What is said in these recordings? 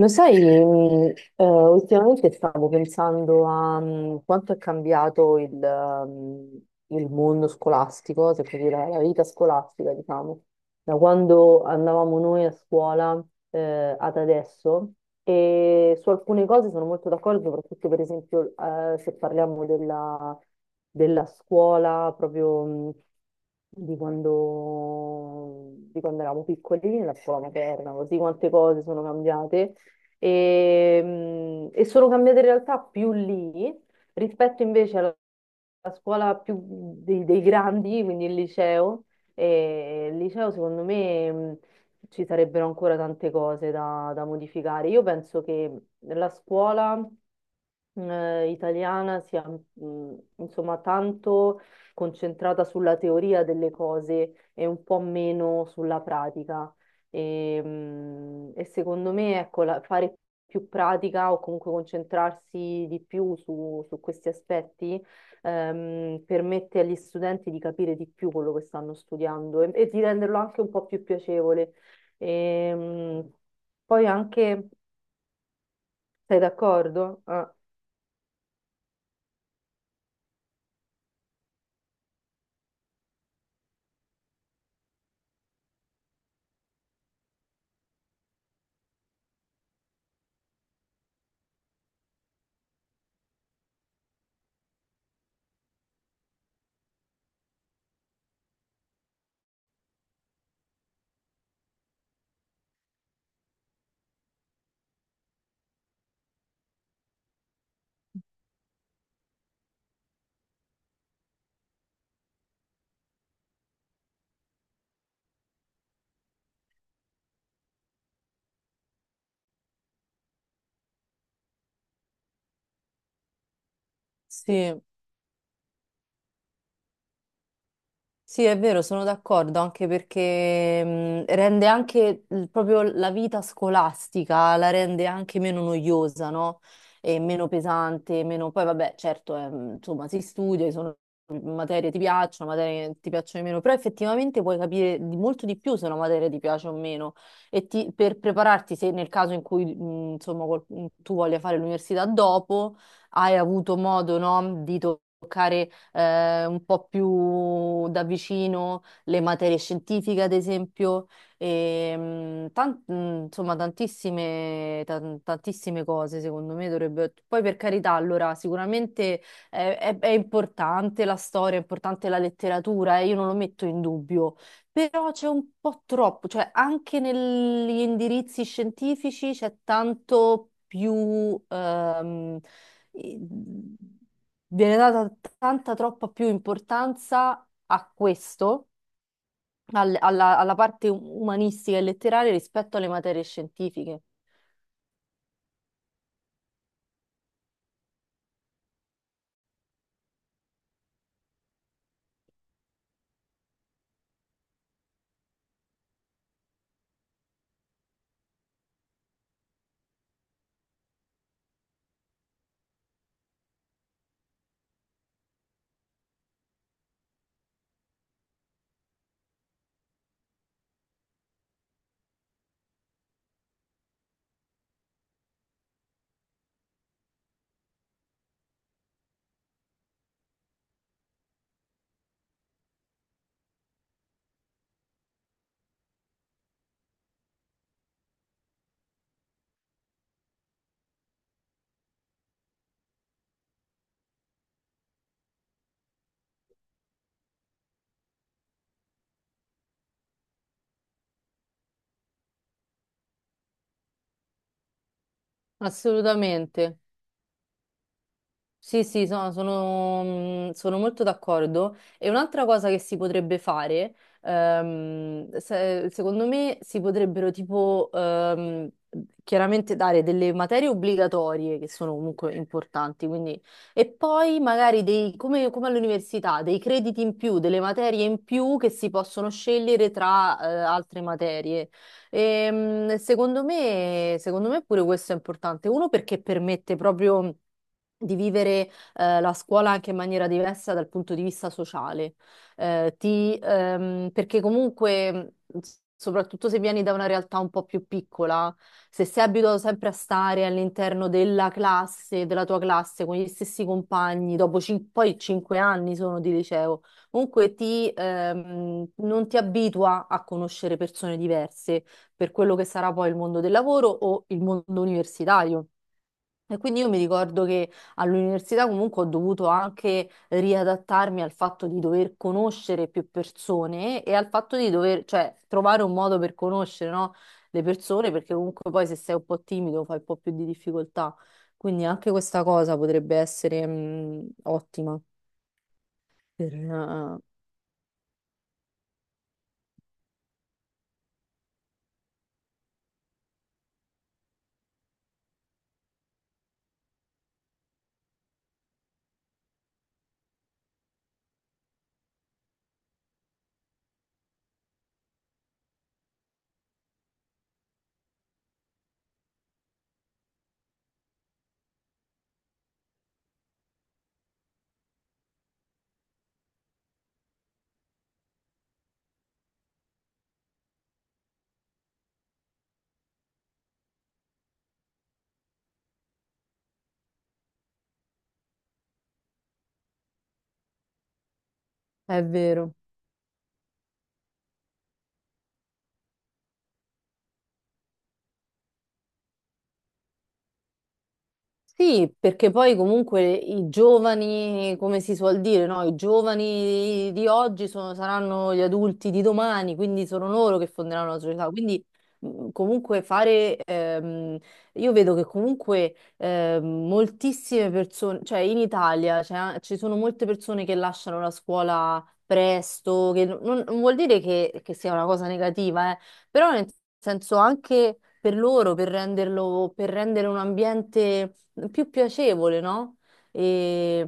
Lo sai, ultimamente stavo pensando a quanto è cambiato il mondo scolastico, se così la vita scolastica, diciamo, da quando andavamo noi a scuola ad adesso. E su alcune cose sono molto d'accordo, soprattutto per esempio se parliamo della scuola proprio mh, di quando eravamo piccoli, la scuola materna, così quante cose sono cambiate e, e sono cambiate in realtà più lì rispetto invece alla scuola più dei grandi, quindi il liceo. E il liceo, secondo me, ci sarebbero ancora tante cose da modificare. Io penso che la scuola italiana sia insomma tanto concentrata sulla teoria delle cose e un po' meno sulla pratica. E secondo me, ecco, fare più pratica o comunque concentrarsi di più su questi aspetti permette agli studenti di capire di più quello che stanno studiando e di renderlo anche un po' più piacevole. E, poi anche, sei d'accordo? Ah. Sì, sì, è vero, sono d'accordo, anche perché rende anche proprio la vita scolastica, la rende anche meno noiosa, no? E meno pesante, Poi vabbè, certo, è, insomma, si studia, ci sono materie che ti piacciono, materie che ti piacciono di meno, però effettivamente puoi capire molto di più se una materia ti piace o meno. E per prepararti, se nel caso in cui, insomma, tu voglia fare l'università dopo, hai avuto modo, no, di toccare un po' più da vicino le materie scientifiche, ad esempio, e, insomma tantissime, tantissime cose secondo me dovrebbe... Poi per carità, allora sicuramente è importante la storia, è importante la letteratura, io non lo metto in dubbio, però c'è un po' troppo, cioè anche negli indirizzi scientifici c'è tanto più, i- viene data tanta troppa più importanza a questo, alla parte umanistica e letteraria rispetto alle materie scientifiche. Assolutamente. Sì, sì, sono molto d'accordo. E un'altra cosa che si potrebbe fare, secondo me, si potrebbero tipo chiaramente dare delle materie obbligatorie che sono comunque importanti, quindi, e poi magari dei, come all'università, dei crediti in più, delle materie in più che si possono scegliere tra altre materie. Secondo me, pure questo è importante. Uno perché permette proprio di vivere la scuola anche in maniera diversa dal punto di vista sociale. Perché comunque, soprattutto se vieni da una realtà un po' più piccola, se sei abituato sempre a stare all'interno della classe, della tua classe, con gli stessi compagni, dopo poi 5 anni sono di liceo, comunque non ti abitua a conoscere persone diverse per quello che sarà poi il mondo del lavoro o il mondo universitario. E quindi io mi ricordo che all'università comunque ho dovuto anche riadattarmi al fatto di dover conoscere più persone e al fatto di dover, cioè, trovare un modo per conoscere, no, le persone, perché comunque poi se sei un po' timido fai un po' più di difficoltà. Quindi anche questa cosa potrebbe essere, ottima per, è vero. Sì, perché poi comunque i giovani, come si suol dire, no? I giovani di oggi saranno gli adulti di domani, quindi sono loro che fonderanno la società. Quindi comunque fare, io vedo che comunque moltissime persone, cioè in Italia ci sono molte persone che lasciano la scuola presto, che non vuol dire che sia una cosa negativa, però nel senso anche per loro, per renderlo, per rendere un ambiente più piacevole, no? E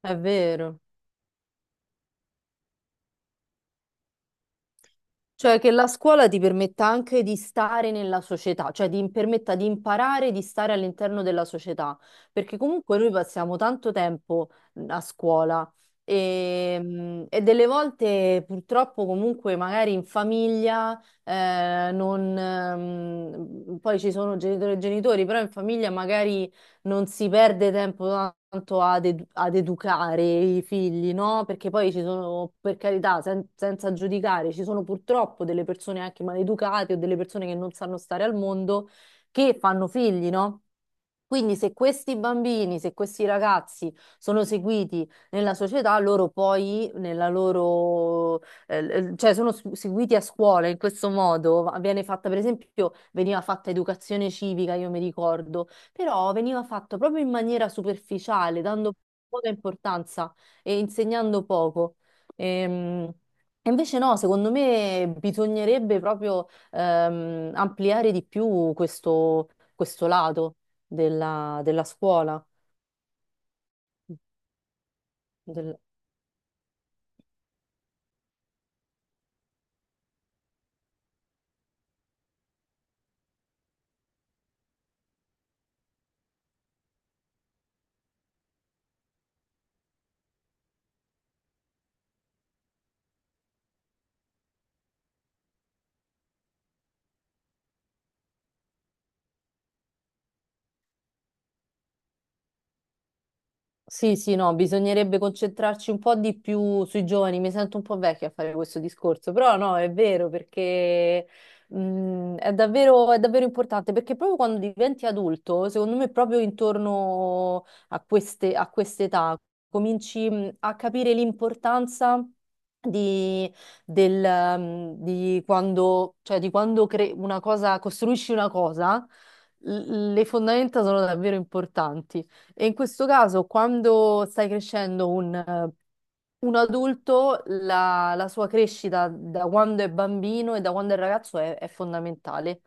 è vero. Cioè che la scuola ti permetta anche di stare nella società, cioè ti permetta di imparare di stare all'interno della società, perché comunque noi passiamo tanto tempo a scuola e delle volte purtroppo comunque magari in famiglia non, poi ci sono genitori e genitori, però in famiglia magari non si perde tempo tanto ad educare i figli, no? Perché poi ci sono, per carità, senza giudicare, ci sono purtroppo delle persone anche maleducate o delle persone che non sanno stare al mondo che fanno figli, no? Quindi se questi bambini, se questi ragazzi sono seguiti nella società, loro poi nella loro, cioè sono seguiti a scuola in questo modo, viene fatta per esempio, veniva fatta educazione civica, io mi ricordo, però veniva fatto proprio in maniera superficiale, dando poca importanza e insegnando poco. Ehm, E invece no, secondo me bisognerebbe proprio ampliare di più questo lato della scuola, del- Sì, sì, no, bisognerebbe concentrarci un po' di più sui giovani. Mi sento un po' vecchia a fare questo discorso, però no, è vero perché è davvero importante perché proprio quando diventi adulto, secondo me, proprio intorno a quest'età cominci a capire l'importanza di, del, di quando una cosa, costruisci una cosa, le fondamenta sono davvero importanti. E in questo caso, quando stai crescendo un adulto, la sua crescita da quando è bambino e da quando è ragazzo è fondamentale.